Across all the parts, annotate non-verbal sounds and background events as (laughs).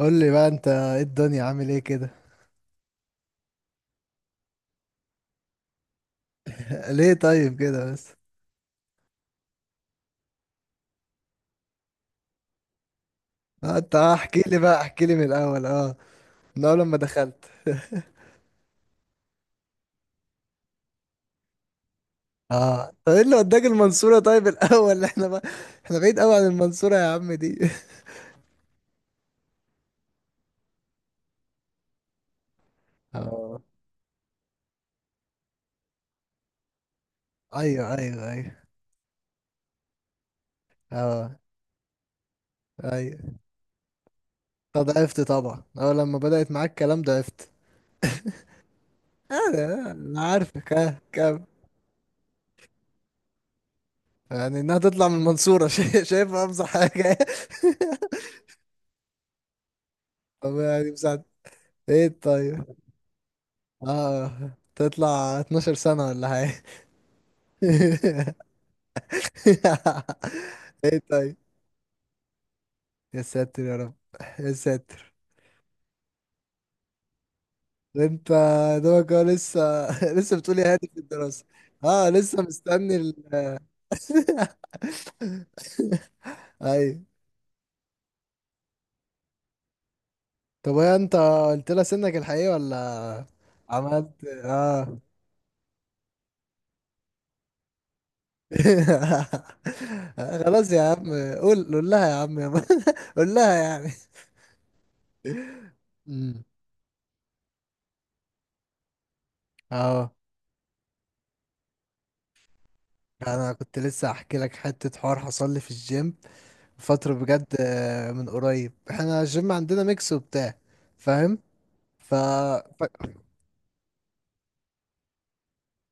قول لي بقى انت ايه الدنيا عامل ايه كده. (laughs) ليه طيب كده بس؟ اه، انت احكي لي بقى احكي لي من الاول من اول لما دخلت. (laughs) اه، طب ايه اللي وداك المنصورة طيب الاول؟ (laughs) احنا بقى احنا بعيد قوي عن المنصورة يا عم دي. (laughs) اه، ايوه ايوه ايوه. اه، ايوه. طب ضعفت طبعا، اول لما بدأت معاك الكلام ضعفت. اه، انا عارفك. اه كم يعني انها تطلع من المنصورة. (laughs) شايفها افظع حاجة. (laughs) طب يعني مساعد. ايه طيب. اه، تطلع 12 سنة ولا حاجة. (laughs) ايه طيب. يا ساتر يا رب. يا ساتر. انت دوبك هو لسه. (laughs) لسه بتقول يا هادي في الدراسة. اه، لسه مستني (laughs) ايوه. طب هي انت قلت لها سنك الحقيقي ولا عملت اه. (laughs) خلاص يا عم. قول لها يا عم يا عم. (laughs) قول لها يعني. امم. اه، انا كنت لسه احكي لك حته حوار حصل لي في الجيم فتره بجد. من قريب احنا الجيم عندنا ميكس وبتاع. فاهم؟ ف...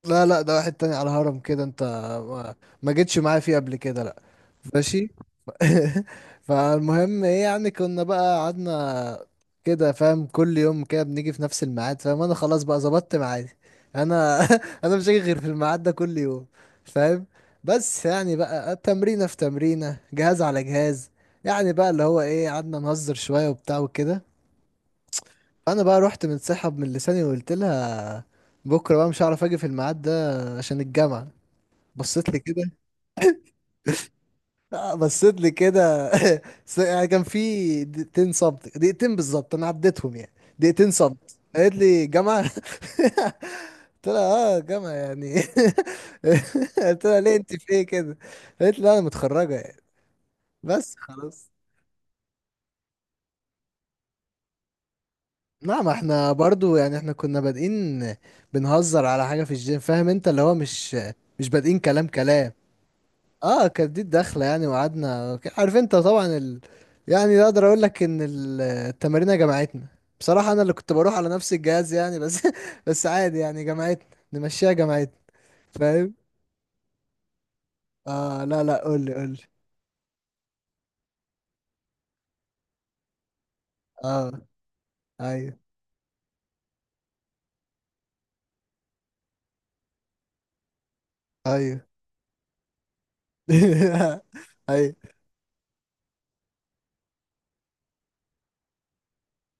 لا لا، ده واحد تاني على هرم كده انت. ما, ما جيتش معايا فيه قبل كده، لا. ماشي. (laughs) فالمهم ايه، يعني كنا بقى قعدنا كده. فاهم؟ كل يوم كده بنيجي في نفس الميعاد. فاهم؟ انا خلاص بقى ظبطت ميعادي انا. (laughs) انا مش هاجي غير في الميعاد ده كل يوم. فاهم؟ بس يعني بقى تمرينة في تمرينة، جهاز على جهاز. يعني بقى اللي هو ايه، قعدنا نهزر شوية وبتاع وكده. انا بقى رحت منسحب من لساني وقلت لها بكره بقى مش هعرف اجي في الميعاد ده عشان الجامعه. بصيت لي كده. بصيت لي كده. (laughs) يعني كان في دقيقتين صمت، دقيقتين بالظبط انا عديتهم يعني. دقيقتين صمت، قالت لي جامعه؟ (laughs) قلت لها اه جامعه يعني. (laughs) قلت لها ليه، انت في ايه كده؟ قالت لي لا انا متخرجه يعني. بس خلاص. لا، ما احنا برضو يعني احنا كنا بادئين بنهزر على حاجة في الجيم. فاهم انت اللي هو، مش مش بادئين كلام كلام. اه، كانت دي الدخلة يعني، وقعدنا عارف انت طبعا يعني اقدر اقول لك ان التمارين جمعتنا. بصراحة انا اللي كنت بروح على نفس الجهاز يعني، بس (laughs) بس عادي يعني، جمعتنا نمشيها، جمعتنا. فاهم؟ اه لا لا، قول لي قول لي. اه، ايوه ايوه. (laughs) ايوه.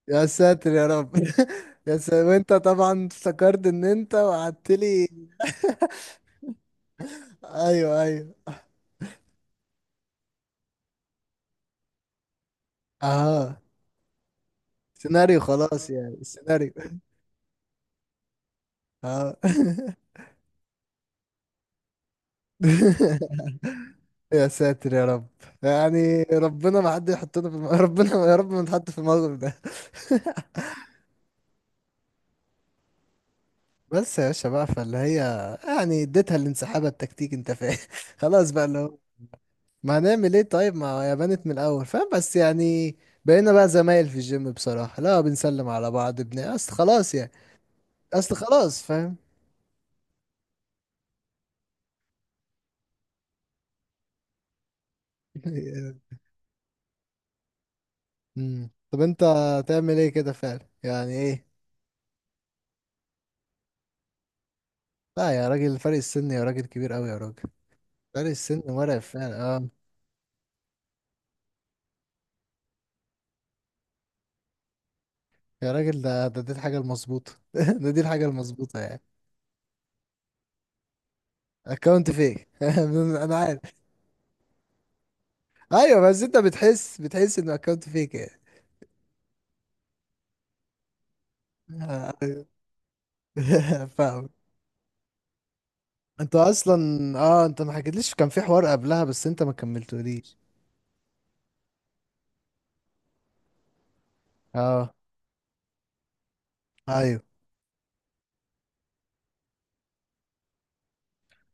يا ساتر يا رب. (laughs) يا ساتر. وانت طبعا افتكرت ان انت وقعدت لي. ايوه ايوه. اه، سيناريو خلاص، يعني السيناريو. اه. (laughs) يا ساتر يا رب. يعني ربنا ما حد يحطنا في (laughs) ربنا يا رب ما نتحط في الموقف ده. (laughs) بس يا باشا بقى، فاللي هي يعني اديتها الانسحاب التكتيكي انت فاهم. (laughs) خلاص بقى، اللي هو ما هنعمل ايه طيب، ما هي بنت من الاول. فاهم بس يعني بقينا بقى زمايل في الجيم، بصراحة لا بنسلم على بعض، ابن اصل خلاص يعني. اصل خلاص فاهم. (laughs) أمم. طب انت تعمل ايه كده فعلا يعني ايه؟ لا يا راجل، فرق السن يا راجل كبير قوي يا راجل. فرق السن مرعب فعلا اه. يا راجل، ده دي الحاجة المظبوطة. (laughs) دي الحاجة المظبوطة يعني. اكونت فيك. (laughs) انا عارف. ايوه، بس انت بتحس انه اكونت فيك يعني. (laughs) فاهم؟ انت اصلا اه، انت ما حكيتليش كان في حوار قبلها بس انت ما كملتوليش. اه، ايوه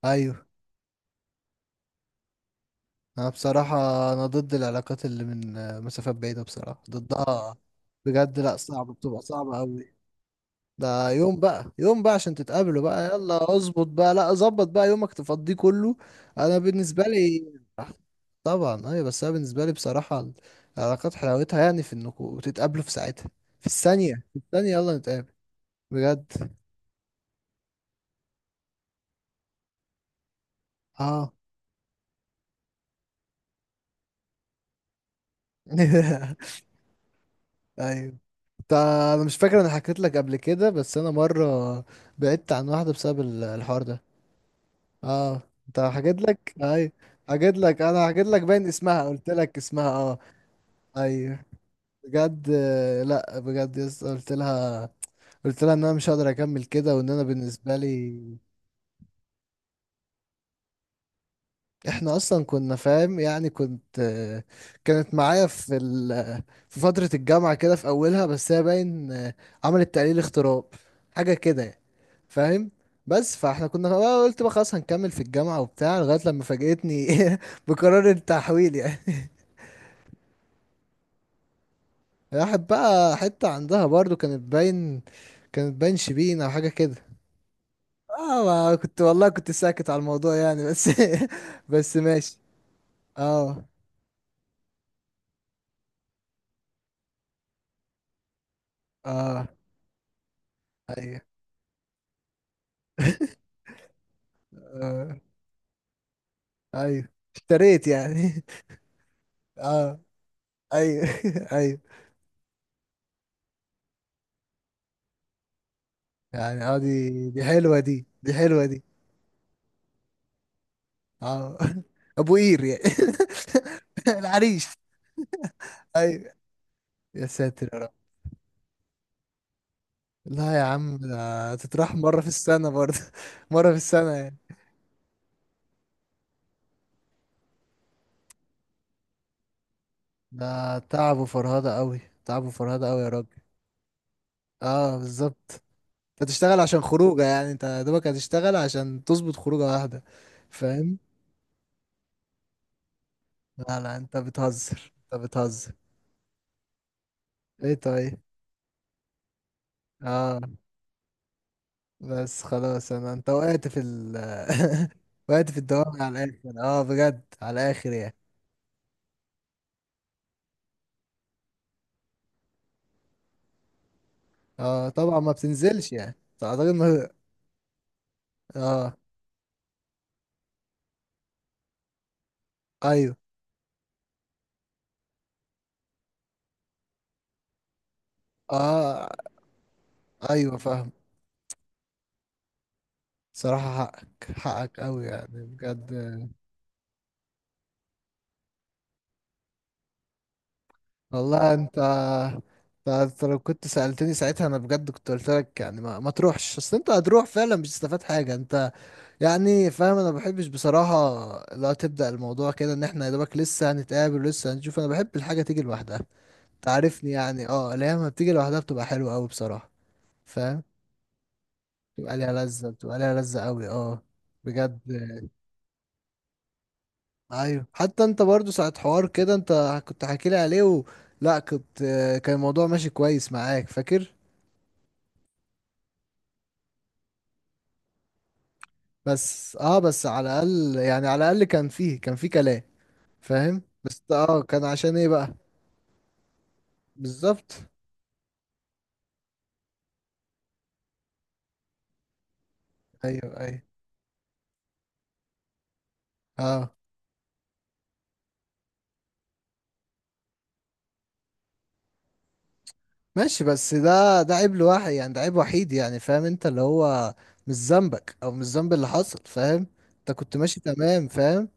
ايوه. انا بصراحة انا ضد العلاقات اللي من مسافات بعيدة، بصراحة ضدها. بجد، لا صعبة، بتبقى صعبة قوي. ده يوم بقى، يوم بقى عشان تتقابلوا بقى، يلا اظبط بقى، لا ظبط بقى يومك تفضيه كله. انا بالنسبة لي. (laughs) طبعا ايوه. بس انا بالنسبة لي بصراحة العلاقات حلاوتها يعني في انكم تتقابلوا في ساعتها، في الثانية، في الثانية يلا نتقابل. بجد اه. (laughs) ايوه. انا مش فاكر انا حكيت لك قبل كده بس، انا مره بعدت عن واحده بسبب الحوار ده. اه. انت حكيت لك ايوه. حكيت لك انا حكيت لك باين اسمها، قلت لك اسمها اه. ايوه بجد. لا بجد يس. قلت لها قلت لها ان انا مش هقدر اكمل كده، وان انا بالنسبه لي احنا اصلا كنا فاهم يعني. كنت كانت معايا في في فتره الجامعه كده في اولها، بس هي باين عملت تقليل اغتراب، حاجه كده يعني. فاهم؟ بس فاحنا كنا بقى، قلت بقى خلاص هنكمل في الجامعة وبتاع، لغاية لما فاجأتني (laughs) بقرار التحويل يعني. (laughs) راحت بقى حتة عندها برضو، كانت باين شبين او حاجة كده. اه ما كنت، والله كنت ساكت على الموضوع يعني، بس (laughs) بس ماشي. اه. اه ايوه. (laughs) آه. ايوه. اشتريت يعني. (laughs) اه. ايوه. (laughs) ايوه. يعني اه، دي حلوة، دي دي حلوة دي. اه. (laughs) ابو قير يعني. (laughs) العريش. ايوه. يا ساتر يا رب. لا يا عم، ده تتراح مرة في السنة برضه. (laughs) مرة في السنة يعني. ده تعب وفرهدة قوي، تعب وفرهدة قوي يا راجل. اه بالظبط. انت تشتغل عشان خروجه يعني، انت يا دوبك هتشتغل عشان تظبط خروجه واحده. فاهم؟ لا لا، انت بتهزر انت بتهزر. ايه طيب اه. بس خلاص، انا انت وقعت في ال… (laughs) وقعت في الدوام على الاخر، اه بجد على الاخر يعني. اه طبعا ما بتنزلش يعني. اعتقد ما. اه ايوه. اه ايوه فاهم. صراحة حقك، حقك قوي يعني بجد. والله انت، انت، أنت لو كنت سألتني ساعتها انا بجد كنت قلت لك يعني ما تروحش، اصل انت هتروح فعلا مش هتستفاد حاجة انت يعني. فاهم؟ انا ما بحبش بصراحة لا تبدأ الموضوع كده، ان احنا يا دوبك لسه هنتقابل ولسه هنشوف. انا بحب الحاجة تيجي لوحدها، تعرفني يعني، اه اللي هي لما بتيجي لوحدها بتبقى حلوة قوي بصراحة. فاهم؟ بتبقى ليها لذة قوي اه. بجد. ايوه حتى انت برضو ساعة حوار كده انت كنت حاكي لي عليه و… لا كنت، كان الموضوع ماشي كويس معاك فاكر. بس اه، بس على الاقل يعني، على الاقل كان فيه، كان فيه كلام. فاهم؟ بس اه، كان عشان ايه بقى؟ بالظبط. ايوه ايوه اه. ماشي، بس ده ده عيب لواحد يعني، ده عيب وحيد يعني. فاهم انت اللي هو مش ذنبك، او مش ذنب اللي حصل. فاهم؟ انت كنت ماشي تمام. فاهم؟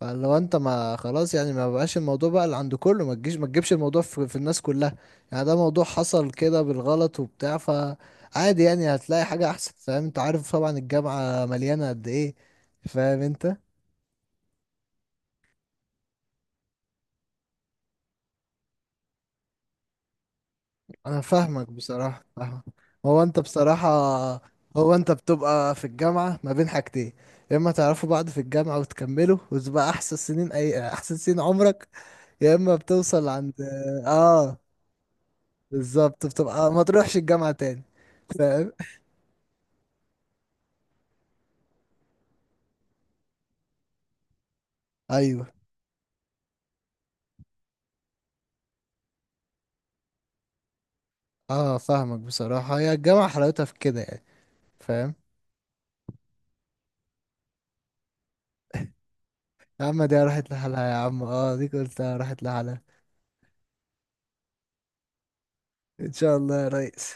فلو انت ما خلاص يعني، ما بقاش الموضوع بقى اللي عند كله، ما تجيش ما تجيبش الموضوع في الناس كلها يعني. ده موضوع حصل كده بالغلط وبتاع، فعادي يعني هتلاقي حاجة احسن. فاهم انت؟ عارف طبعا الجامعة مليانة قد ايه. فاهم انت. انا فاهمك بصراحة، فاهمك. هو انت بصراحة، هو انت بتبقى في الجامعة ما بين حاجتين: يا اما تعرفوا بعض في الجامعة وتكملوا، وتبقى احسن سنين، اي احسن سنين عمرك، يا اما بتوصل عند اه، بالظبط، بتبقى ما تروحش الجامعة تاني. فاهم؟ ايوه. اه فاهمك بصراحة، هي الجامعة حلاوتها في كده يعني. فاهم؟ يا عم دي راحت لحالها يا عم، اه دي قلتها راحت لحالها. ان شاء الله يا ريس.